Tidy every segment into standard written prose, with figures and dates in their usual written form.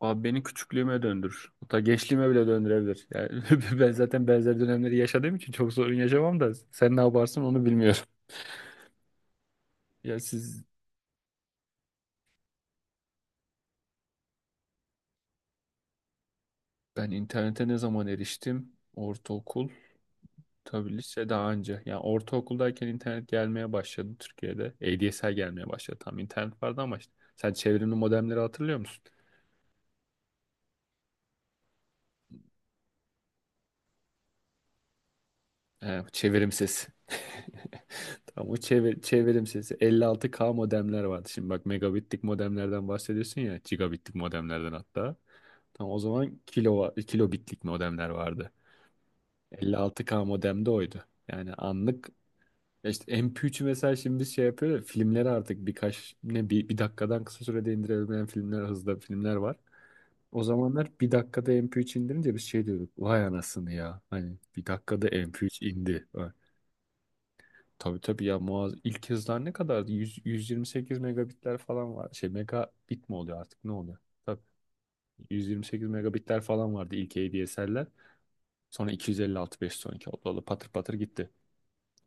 Abi beni küçüklüğüme döndürür. Hatta gençliğime bile döndürebilir. Yani ben zaten benzer dönemleri yaşadığım için çok sorun yaşamam da sen ne yaparsın onu bilmiyorum. Ya siz ben internete ne zaman eriştim? Ortaokul, tabii lise daha önce. Yani ortaokuldayken internet gelmeye başladı Türkiye'de. ADSL gelmeye başladı. Tam internet vardı ama işte. Sen çevrimli modemleri hatırlıyor musun? He, çevirim sesi. Tamam, o çevirim sesi. Elli altı k modemler vardı. Şimdi bak, megabitlik modemlerden bahsediyorsun ya. Gigabitlik modemlerden hatta. Tamam, o zaman kilobitlik modemler vardı. 56K modem de oydu. Yani anlık, ya işte MP3'ü mesela şimdi biz şey yapıyor ya, filmleri artık bir dakikadan kısa sürede indirebilen filmler hızda filmler var. O zamanlar bir dakikada MP3 indirince biz şey diyorduk. Vay anasını ya. Hani bir dakikada MP3 indi. Tabii tabii ya Muaz, ilk hızlar ne kadardı? 100, 128 megabitler falan var. Şey megabit mi oluyor artık, ne oluyor? Tabii, 128 megabitler falan vardı ilk ADSL'ler. Sonra 256 512 oldu. Oldu. Patır patır gitti.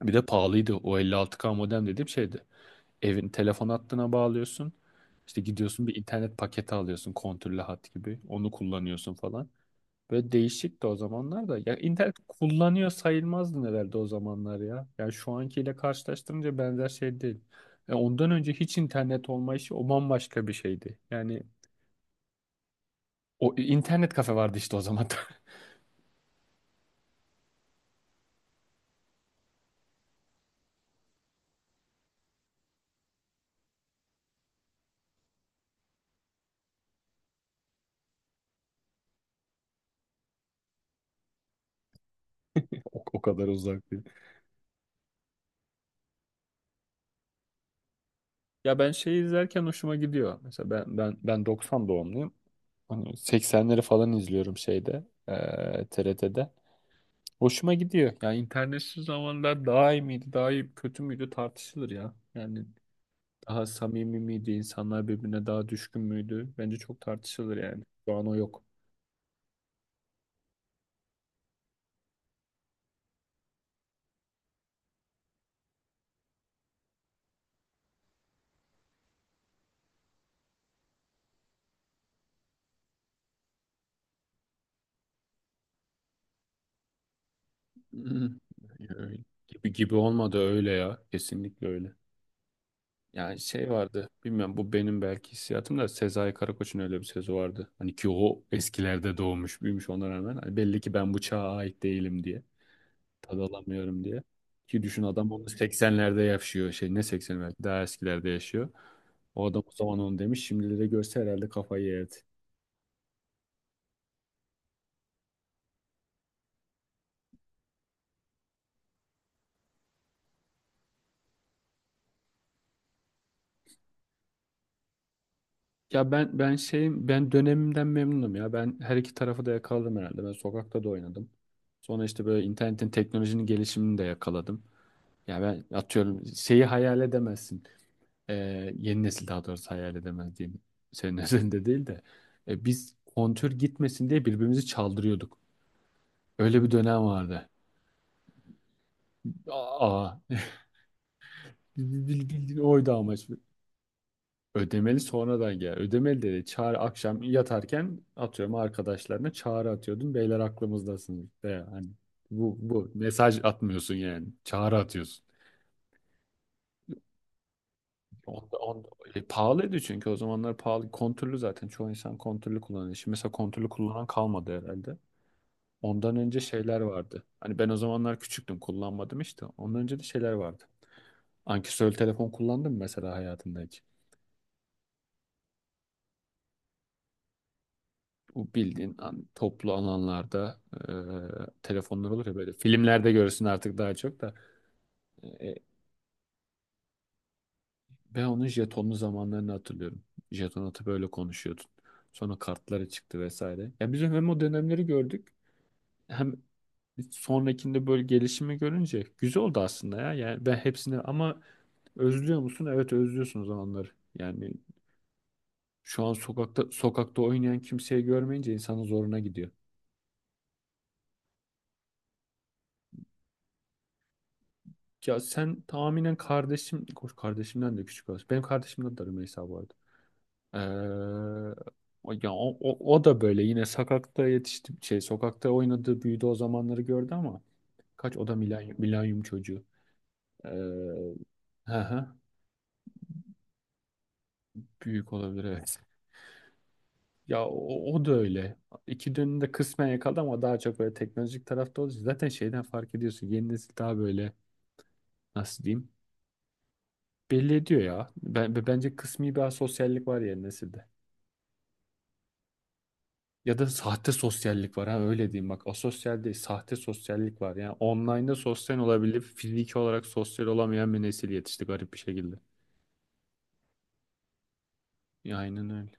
Bir de pahalıydı. O 56K modem dediğim şeydi. Evin telefon hattına bağlıyorsun. İşte gidiyorsun bir internet paketi alıyorsun. Kontürlü hat gibi. Onu kullanıyorsun falan. Böyle değişikti o zamanlar da. Ya internet kullanıyor sayılmazdı nelerde o zamanlar ya. Yani şu ankiyle karşılaştırınca benzer şey değil. Ya ondan önce hiç internet olmayışı o bambaşka bir şeydi. Yani o internet kafe vardı işte o zaman da. O kadar uzak değil. Ya ben şeyi izlerken hoşuma gidiyor. Mesela ben 90 doğumluyum. Hani 80'leri falan izliyorum şeyde, TRT'de. Hoşuma gidiyor. Yani internetsiz zamanlar daha iyi miydi, daha iyi kötü müydü tartışılır ya. Yani daha samimi miydi? İnsanlar birbirine daha düşkün müydü? Bence çok tartışılır yani. Şu an o yok. Hmm. Öyle. Gibi gibi olmadı öyle ya. Kesinlikle öyle. Yani şey vardı. Bilmiyorum, bu benim belki hissiyatım da, Sezai Karakoç'un öyle bir sözü vardı. Hani ki o eskilerde doğmuş büyümüş ona rağmen. Hani belli ki ben bu çağa ait değilim diye. Tad alamıyorum diye. Ki düşün, adam onu 80'lerde yaşıyor. Şey ne 80'lerde daha eskilerde yaşıyor. O adam o zaman onu demiş. Şimdilere görse herhalde kafayı yerdi. Ya ben şeyim, ben dönemimden memnunum ya. Ben her iki tarafı da yakaladım herhalde. Ben sokakta da oynadım. Sonra işte böyle internetin, teknolojinin gelişimini de yakaladım. Ya ben atıyorum, şeyi hayal edemezsin. Ee, yeni nesil daha doğrusu hayal edemez diyeyim. Senin üzerinde değil de. Biz kontür gitmesin diye birbirimizi çaldırıyorduk. Öyle bir dönem vardı. Aa, bildiğin oydu amaç. Ödemeli sonradan gel. Ödemeli dedi. Çağrı akşam yatarken, atıyorum, arkadaşlarına çağrı atıyordum. Beyler aklımızdasınız. De hani bu mesaj atmıyorsun yani. Çağrı atıyorsun. Onda, onda, pahalıydı çünkü o zamanlar pahalı. Kontürlü, zaten çoğu insan kontürlü kullanıyor. Şimdi mesela kontürlü kullanan kalmadı herhalde. Ondan önce şeyler vardı. Hani ben o zamanlar küçüktüm, kullanmadım işte. Ondan önce de şeyler vardı. Ankesörlü telefon kullandın mı mesela hayatında hiç? Bu bildiğin toplu alanlarda telefonlar olur ya böyle. Filmlerde görürsün artık daha çok da. E, ben onun jetonlu zamanlarını hatırlıyorum. Jeton atıp böyle konuşuyordun. Sonra kartları çıktı vesaire. Ya biz hem o dönemleri gördük, hem sonrakinde böyle gelişimi görünce güzel oldu aslında ya. Yani ben hepsini, ama özlüyor musun? Evet, özlüyorsun o zamanları. Yani şu an sokakta oynayan kimseyi görmeyince insanın zoruna gidiyor. Ya sen tahminen kardeşim, kardeşimden de küçük olsun. Benim kardeşimden de, Rümeysa bu arada. Ee, ya o da böyle yine sokakta yetişti, şey sokakta oynadı, büyüdü, o zamanları gördü ama kaç, o da milanyum çocuğu. Ee, hı hı, büyük olabilir evet. Ya o da öyle. İki dönünü de kısmen yakaladı ama daha çok böyle teknolojik tarafta olduğu zaten şeyden fark ediyorsun. Yeni nesil daha böyle, nasıl diyeyim? Belli ediyor ya. Bence kısmi bir asosyallik var yeni nesilde. Ya da sahte sosyallik var, ha öyle diyeyim, bak asosyal değil, sahte sosyallik var. Yani online'da sosyal olabilip fiziki olarak sosyal olamayan bir nesil yetişti garip bir şekilde. Ya aynen öyle.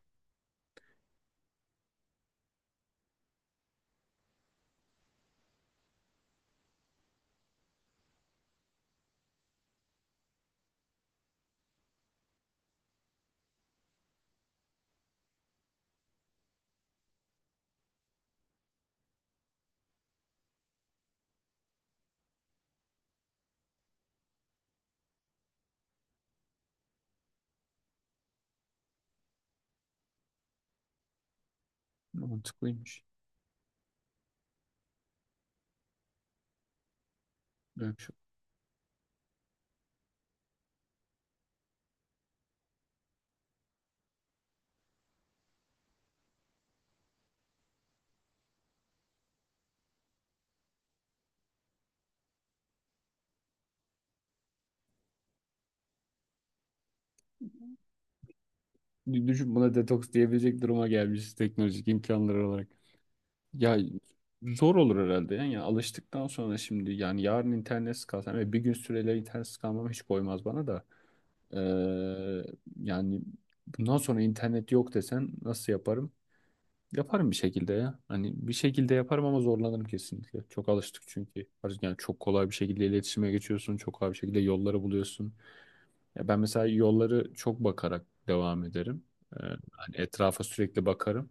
Mantıklıymış. Böyle bir şey. Düşün, buna detoks diyebilecek duruma gelmişiz teknolojik imkanlar olarak. Ya zor olur herhalde yani. Ya alıştıktan sonra şimdi, yani yarın internetsiz kalsam ve bir gün süreyle internetsiz kalmam hiç koymaz bana da. Ee, yani bundan sonra internet yok desen nasıl yaparım? Yaparım bir şekilde ya. Hani bir şekilde yaparım ama zorlanırım kesinlikle. Çok alıştık çünkü. Hani yani çok kolay bir şekilde iletişime geçiyorsun. Çok kolay bir şekilde yolları buluyorsun. Ya ben mesela yolları çok bakarak devam ederim. Ee, hani etrafa sürekli bakarım.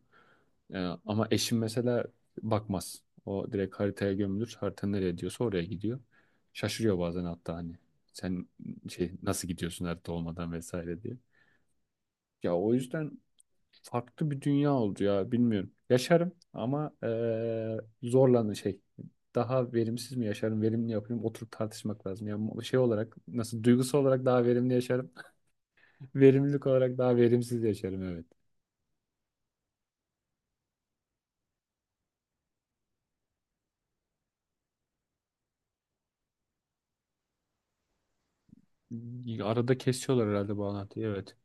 Ee, ama eşim mesela bakmaz. O direkt haritaya gömülür. Harita nereye diyorsa oraya gidiyor. Şaşırıyor bazen hatta hani. Sen şey, nasıl gidiyorsun harita olmadan vesaire diye. Ya o yüzden farklı bir dünya oldu ya, bilmiyorum. Yaşarım ama zorlandı şey. Daha verimsiz mi yaşarım, verimli yapayım, oturup tartışmak lazım. Yani şey olarak nasıl, duygusal olarak daha verimli yaşarım, verimlilik olarak daha verimsiz yaşarım evet. Arada kesiyorlar herhalde bağlantıyı evet.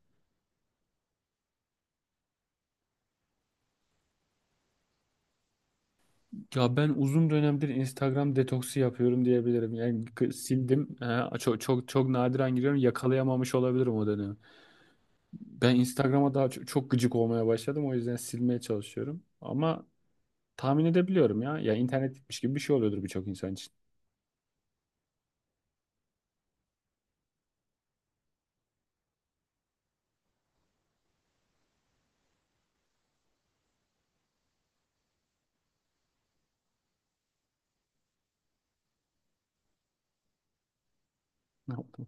Ya ben uzun dönemdir Instagram detoksu yapıyorum diyebilirim. Yani sildim. He, çok çok çok nadiren giriyorum. Yakalayamamış olabilirim o dönemi. Ben Instagram'a daha çok, çok gıcık olmaya başladım. O yüzden silmeye çalışıyorum. Ama tahmin edebiliyorum ya. Ya internet gitmiş gibi bir şey oluyordur birçok insan için. Ne yaptım?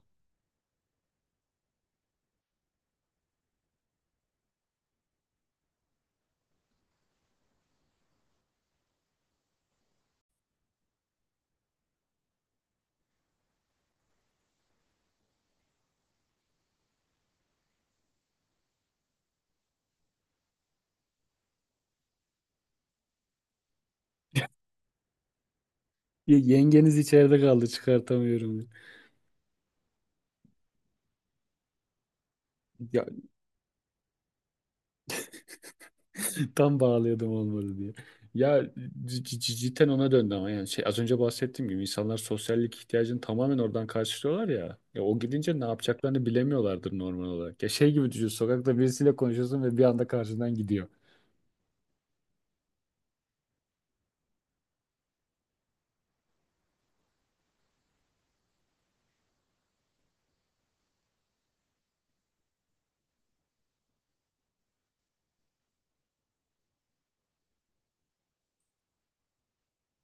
Ya yengeniz içeride kaldı, çıkartamıyorum. Ya tam bağlıyordum, olmadı diye. Ya cidden ona döndü ama yani şey, az önce bahsettiğim gibi insanlar sosyallik ihtiyacını tamamen oradan karşılıyorlar ya. Ya o gidince ne yapacaklarını bilemiyorlardır normal olarak. Ya şey gibi düşün, sokakta birisiyle konuşuyorsun ve bir anda karşından gidiyor.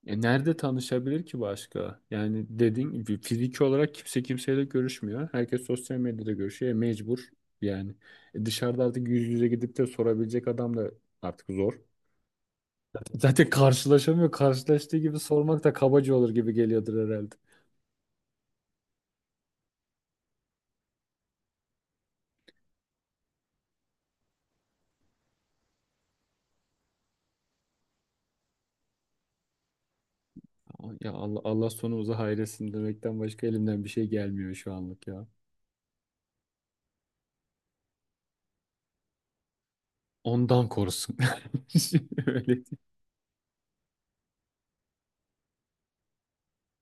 Nerede tanışabilir ki başka? Yani dediğin gibi fiziki olarak kimse kimseyle görüşmüyor. Herkes sosyal medyada görüşüyor. Mecbur yani. Dışarıda artık yüz yüze gidip de sorabilecek adam da artık zor. Zaten karşılaşamıyor. Karşılaştığı gibi sormak da kabaca olur gibi geliyordur herhalde. Ya Allah, Allah sonumuzu hayretsin demekten başka elimden bir şey gelmiyor şu anlık ya. Ondan korusun. Öyle